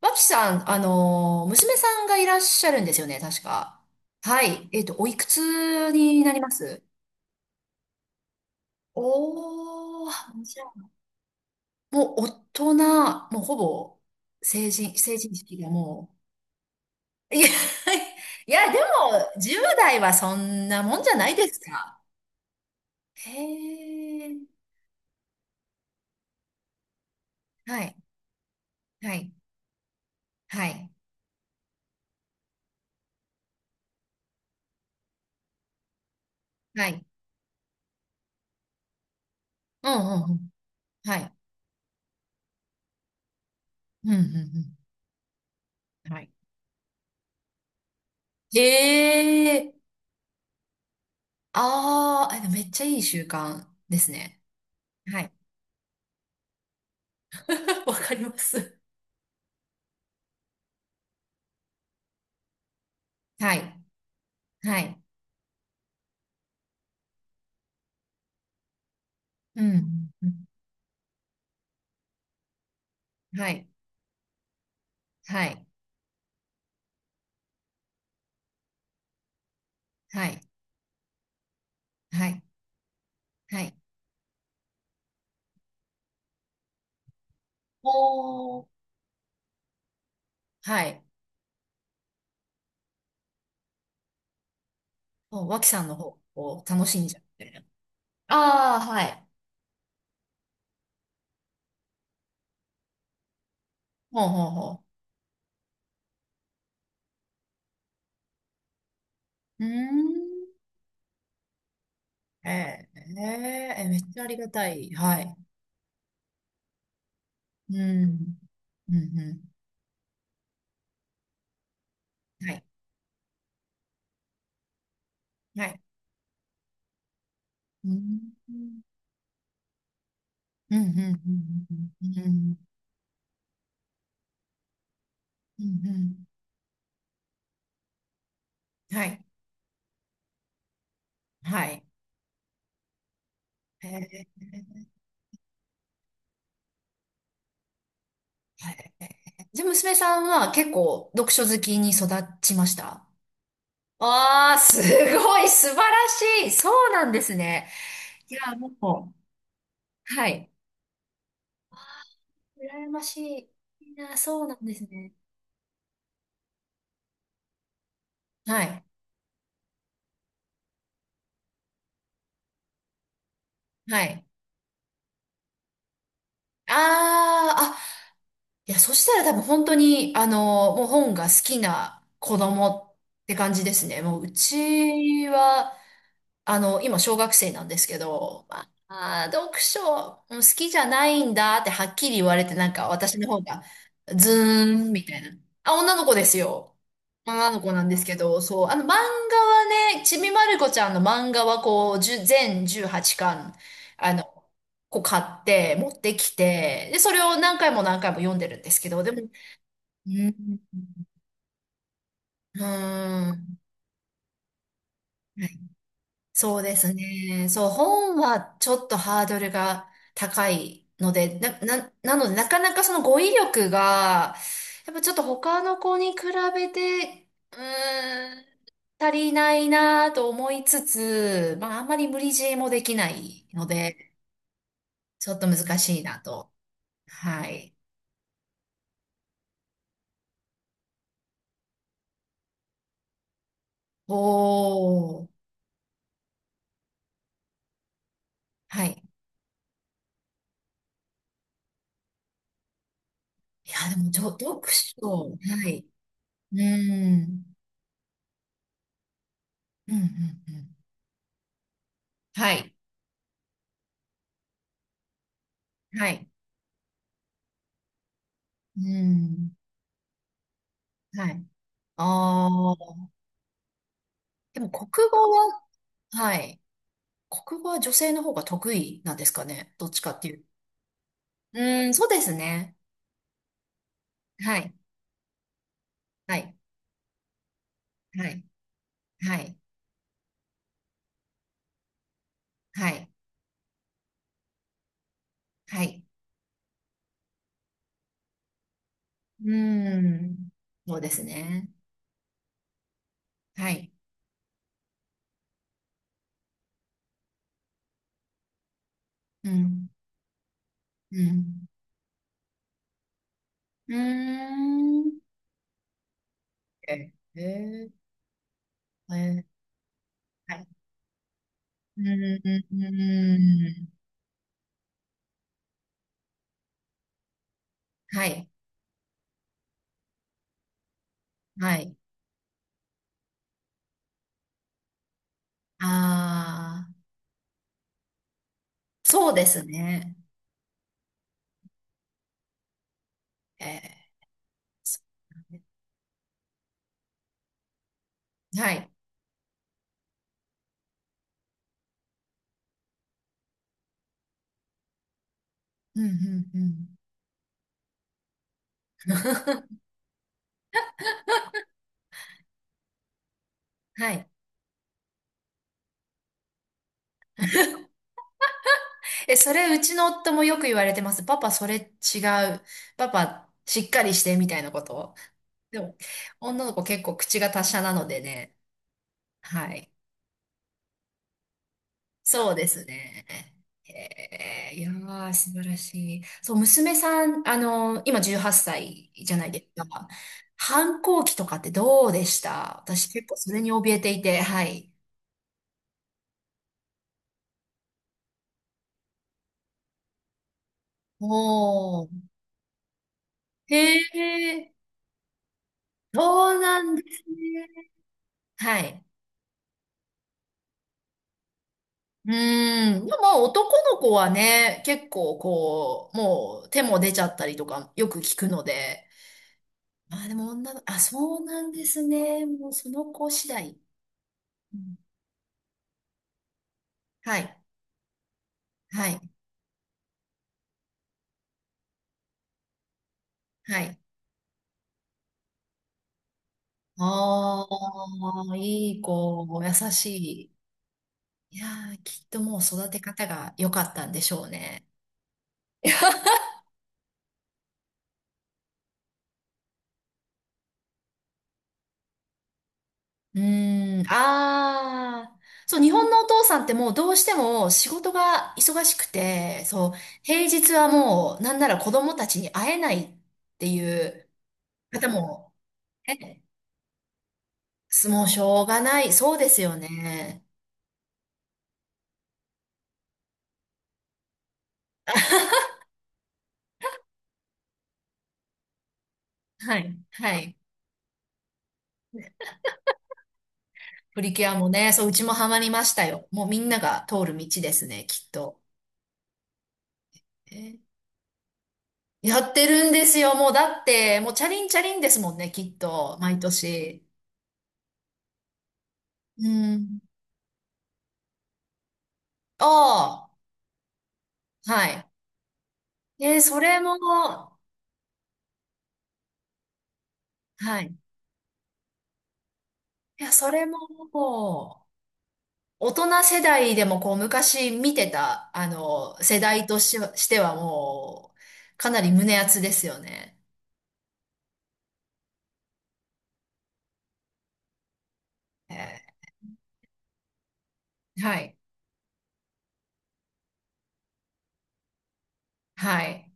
脇さん、娘さんがいらっしゃるんですよね、確か。はい。おいくつになります？おー、じゃあもう大人、もうほぼ成人、成人式がもう。いや、いや、でも、10代はそんなもんじゃないですか。へえ。はい、はい、はい、はい。うん、うん、うん。はい。うん、うん、うん。はい。へえ。ああ、でもめっちゃいい習慣ですね。はい。わかります。はい。はい。うん。はい。はい。はい。はい。はい。おー。はい。もう、脇さんの方を楽しんじゃうみたいな。ああ、はい。ほうほうほう。うーん。えー、えー、えめっちゃありがたい。はい。うん。うん、うん。はい。はい。うん。うん、うん、うん、うん、うん、うん。うん、はい。はい。へえ、はい。じゃあ、娘さんは結構読書好きに育ちました？ああー、すごい、素晴らしい。そうなんですね。いや、もう、はい。羨ましい。いいな、そうなんですね。はい。はい。ああ、あ、いや、そしたら多分本当に、もう本が好きな子供って感じですね。もう、うちは、今、小学生なんですけど、まあ、あー読書うん好きじゃないんだってはっきり言われて、なんか私の方が、ズーンみたいな。あ、女の子ですよ。女の子なんですけど、そう、あの漫画はね、ちびまる子ちゃんの漫画はこう、1全18巻、あの、こう買って、持ってきて、で、それを何回も何回も読んでるんですけど、でも、うん、うーん。そうですね。そう、本はちょっとハードルが高いので、なので、なかなかその語彙力が、やっぱちょっと他の子に比べて、うーん、足りないなと思いつつ、まあ、あんまり無理強いもできないので、ちょっと難しいなと。はい。おー。はい。いや、でも、読書。はい。うーん。うん、うん、うん。はい。はい。うーん。はい。ああ、でも国語は、はい。国語は女性の方が得意なんですかね。どっちかっていう。うーん、そうですね。はい。はい。はい。はい。はい。はい。うーん。そうですね。はい。うん。うん。うーん。え、えー、えー、はい。うーん。はい。はい。ああ、そうですね。えー、そうね、はい。うん、うん、うん。はい。え、それ、うちの夫もよく言われてます。パパ、それ違う。パパ、しっかりして、みたいなこと。でも、女の子結構口が達者なのでね。はい。そうですね。へえ、いやー、素晴らしい。そう、娘さん、今18歳じゃないですか。反抗期とかってどうでした？私結構それに怯えていて、はい。おー。へえ、そうなんですね。はい。うーん。でも男の子はね、結構こう、もう手も出ちゃったりとかよく聞くので。まあでも女の、あ、そうなんですね。もうその子次第。うん、はい。はい。はい。ああ、いい子、優しい。いやー、きっともう育て方が良かったんでしょうね。うーん、ああ、そう、日本のお父さんってもうどうしても仕事が忙しくて、そう、平日はもうなんなら子供たちに会えないっていう方も、ね、もうしょうがない、そうですよね。はい、はい。プリキュアもね、そう、うちもハマりましたよ。もうみんなが通る道ですね、きっと。え、やってるんですよ、もうだって、もうチャリンチャリンですもんね、きっと、毎年。うん。ああ、はい。えーそれも、はい。いや、それももう、大人世代でもこう、昔見てた、世代とし、してはもう、かなり胸熱ですよね。えー、はい。はい。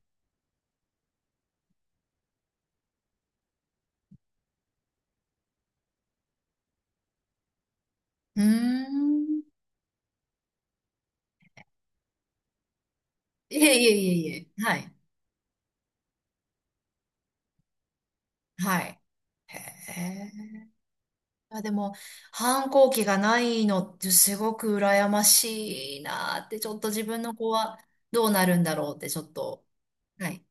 うーん。いえいえいえいえ。はい。はい。へえ。あ、でも、反抗期がないのってすごく羨ましいなーって、ちょっと自分の子はどうなるんだろうって、ちょっと。はい、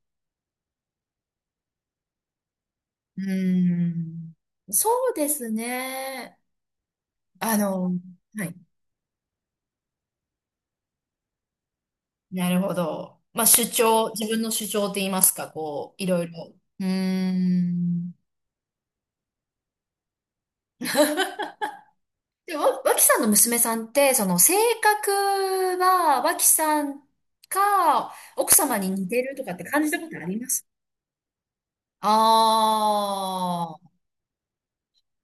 うーん。そうですね。あの、はい。なるほど。まあ、主張、自分の主張って言いますか、こう、いろいろ。うーん。で、脇さんの娘さんって、その性格は、脇さんか、奥様に似てるとかって感じたことあります？ああー、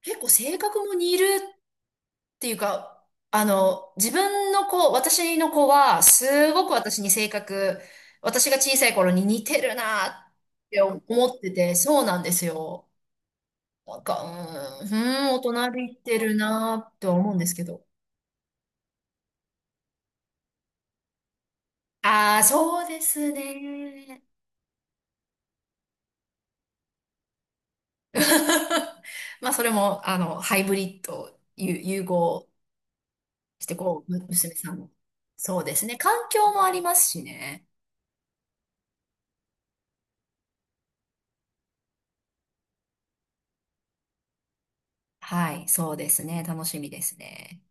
結構性格も似るっていうか、自分の子、私の子は、すごく私に性格、私が小さい頃に似てるなって思ってて、そうなんですよ。なんか、うーん、うーん大人びってるなって思うんですけど。ああ、そうですね。まあ、それも、ハイブリッド、融合して、こう、娘さんも。そうですね。環境もありますしね。はい、そうですね。楽しみですね。